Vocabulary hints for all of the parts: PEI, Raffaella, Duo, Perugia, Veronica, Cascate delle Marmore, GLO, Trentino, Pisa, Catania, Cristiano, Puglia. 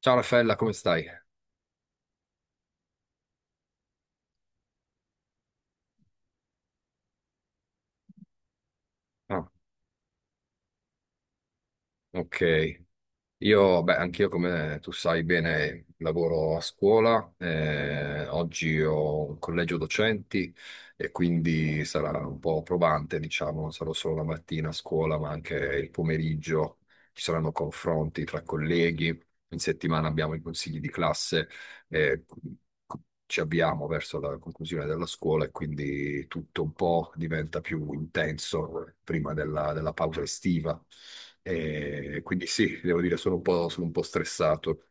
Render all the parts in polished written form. Ciao Raffaella, come stai? Ah, ok. Io, beh, anch'io come tu sai bene, lavoro a scuola, oggi ho un collegio docenti e quindi sarà un po' probante, diciamo, non sarò solo la mattina a scuola, ma anche il pomeriggio, ci saranno confronti tra colleghi, in settimana abbiamo i consigli di classe, eh, ci avviamo verso la conclusione della scuola e quindi tutto un po' diventa più intenso prima della pausa estiva. E quindi sì, devo dire, sono un po' stressato.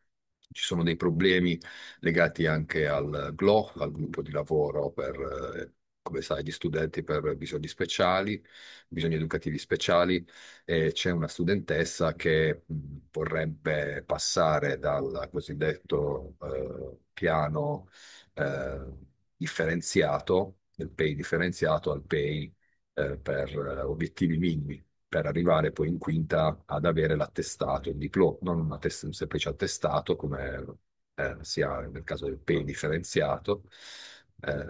Ci sono dei problemi legati anche al GLO, al gruppo di lavoro per, eh, come sai, gli studenti per bisogni speciali, bisogni educativi speciali, e c'è una studentessa che vorrebbe passare dal cosiddetto piano eh, differenziato, del PEI differenziato al PEI per obiettivi minimi, per arrivare poi in quinta ad avere l'attestato, il diploma, non un, attest- un semplice attestato come sia nel caso del PEI differenziato, eh,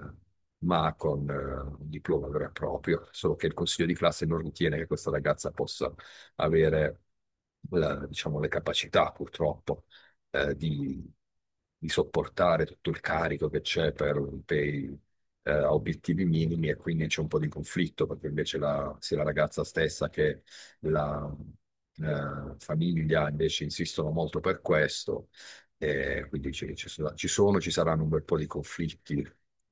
ma con un diploma vero e proprio, solo che il consiglio di classe non ritiene che questa ragazza possa avere diciamo, le capacità, purtroppo, eh, di, di sopportare tutto il carico che c'è per un PEI a obiettivi minimi, e quindi c'è un po' di conflitto perché invece sia la ragazza stessa che la famiglia invece insistono molto per questo, e quindi ci saranno un bel po' di conflitti.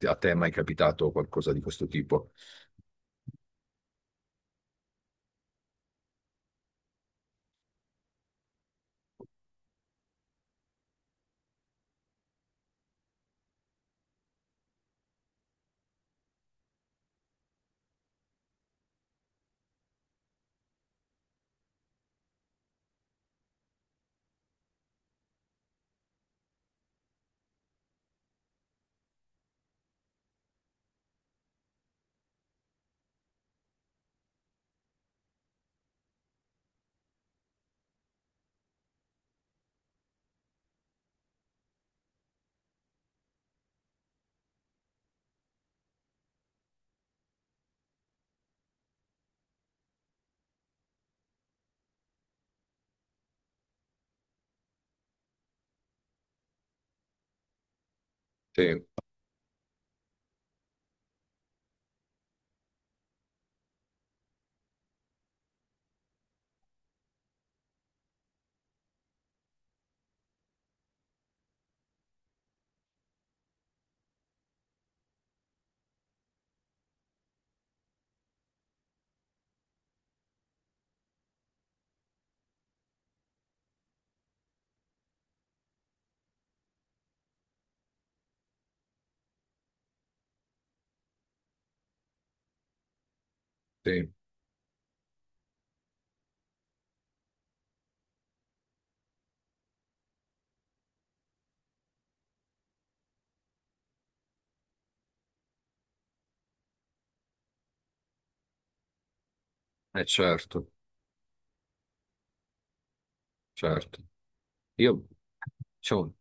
A te è mai capitato qualcosa di questo tipo? Sì, sì, eh certo, certo. Io, diciamo,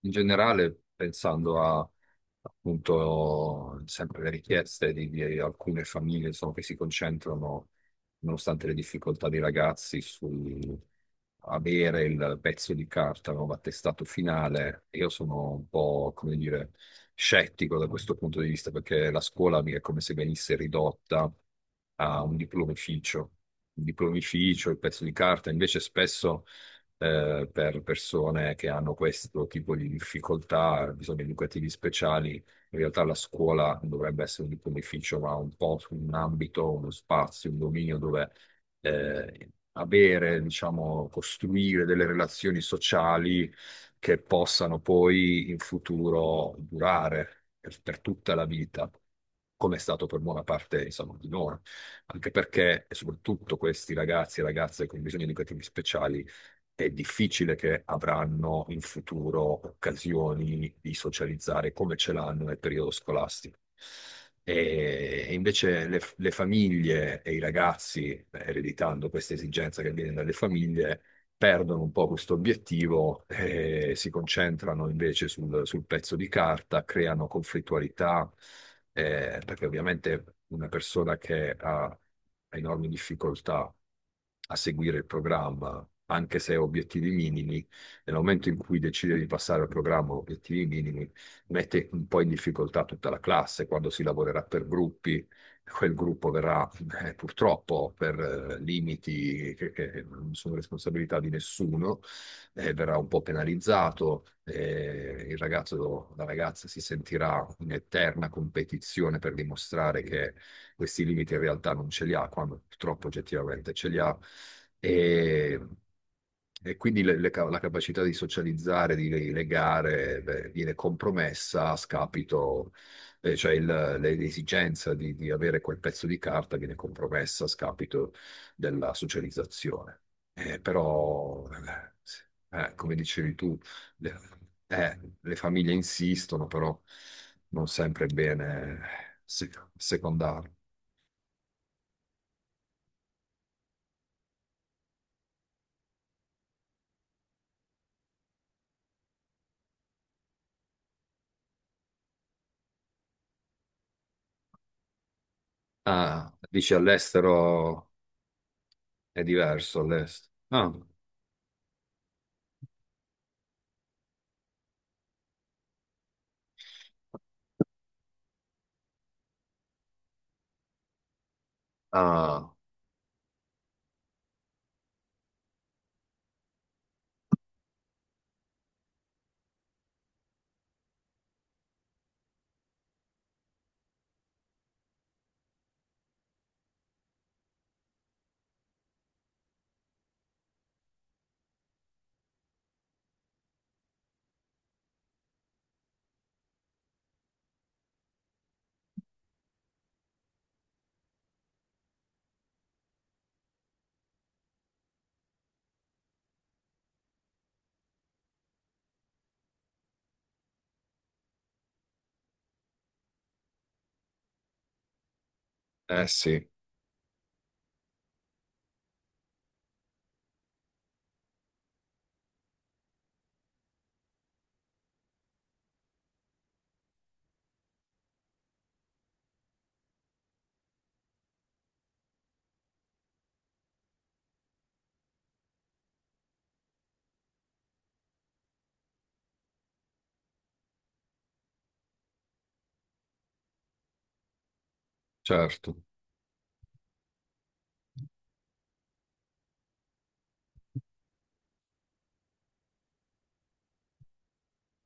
in generale, pensando a appunto sempre le richieste di alcune famiglie, insomma, che si concentrano, nonostante le difficoltà dei ragazzi, su avere il pezzo di carta, no, l'attestato finale, io sono un po', come dire, scettico da questo punto di vista, perché la scuola mi è come se venisse ridotta a un diplomificio. Un diplomificio, il pezzo di carta, invece spesso per persone che hanno questo tipo di difficoltà, bisogni educativi speciali. In realtà la scuola non dovrebbe essere un beneficio, ma un po' un ambito, uno spazio, un dominio dove avere, diciamo, costruire delle relazioni sociali che possano poi in futuro durare per tutta la vita. Come è stato per buona parte, insomma, di noi, anche perché, e soprattutto questi ragazzi e ragazze con bisogni educativi speciali è difficile che avranno in futuro occasioni di socializzare come ce l'hanno nel periodo scolastico. E invece le famiglie e i ragazzi, ereditando questa esigenza che viene dalle famiglie, perdono un po' questo obiettivo e si concentrano invece sul pezzo di carta, creano conflittualità, perché ovviamente una persona ha enormi difficoltà a seguire il programma, anche se ha obiettivi minimi, nel momento in cui decide di passare al programma obiettivi minimi, mette un po' in difficoltà tutta la classe quando si lavorerà per gruppi, quel gruppo verrà purtroppo per limiti che non sono responsabilità di nessuno, verrà un po' penalizzato, il ragazzo, la ragazza si sentirà in eterna competizione per dimostrare che questi limiti in realtà non ce li ha, quando purtroppo oggettivamente ce li ha. E, e quindi la capacità di socializzare, di legare, beh, viene compromessa a scapito l'esigenza di avere quel pezzo di carta viene compromessa a scapito della socializzazione. Eh, però, eh, come dicevi tu, le, le famiglie insistono, però non sempre è bene se- secondarlo. Ah, dici all'estero è diverso all'estero. Ah, ah, eh sì, certo.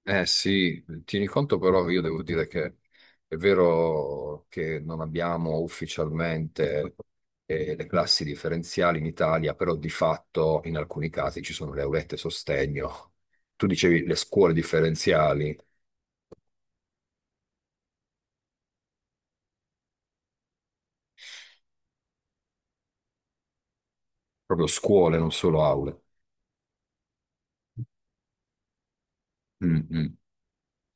Eh sì, tieni conto però, io devo dire che è vero che non abbiamo ufficialmente le classi differenziali in Italia, però di fatto in alcuni casi ci sono le aulette sostegno. Tu dicevi le scuole differenziali, proprio scuole, non solo aule. Mm, mm.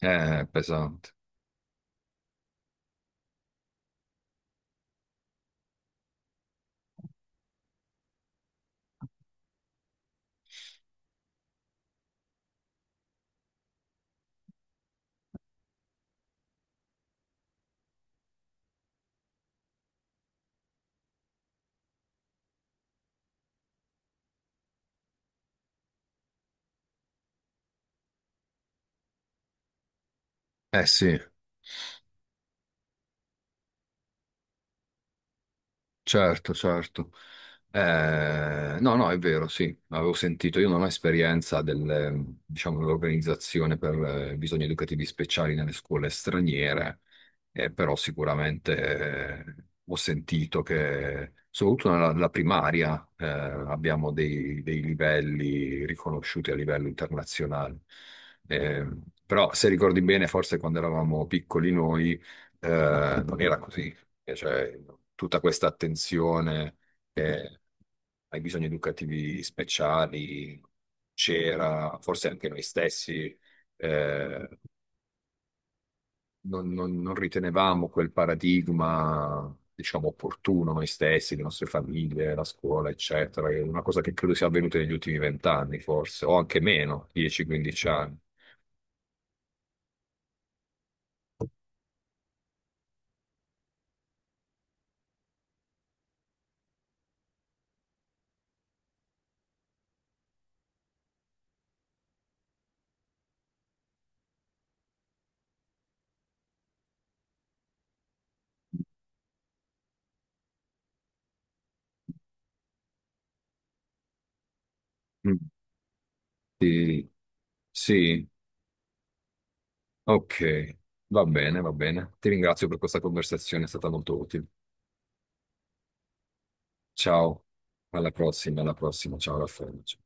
Pesante. Eh sì. Certo, certo. No, no, è vero, sì, avevo sentito, io non ho esperienza del, diciamo, dell'organizzazione per bisogni educativi speciali nelle scuole straniere, però sicuramente eh, ho sentito che, soprattutto nella primaria, abbiamo dei livelli riconosciuti a livello internazionale. Eh, però se ricordi bene, forse quando eravamo piccoli noi non era così. E cioè tutta questa attenzione eh, ai bisogni educativi speciali c'era, forse anche noi stessi, eh, non ritenevamo quel paradigma, diciamo, opportuno noi stessi, le nostre famiglie, la scuola, eccetera. È una cosa che credo sia avvenuta negli ultimi vent'anni, forse, o anche meno, 10-15 anni. Mm. Sì, sì, ok, va bene, va bene. Ti ringrazio per questa conversazione, è stata molto utile. Ciao, alla prossima, ciao Raffaele. Ciao.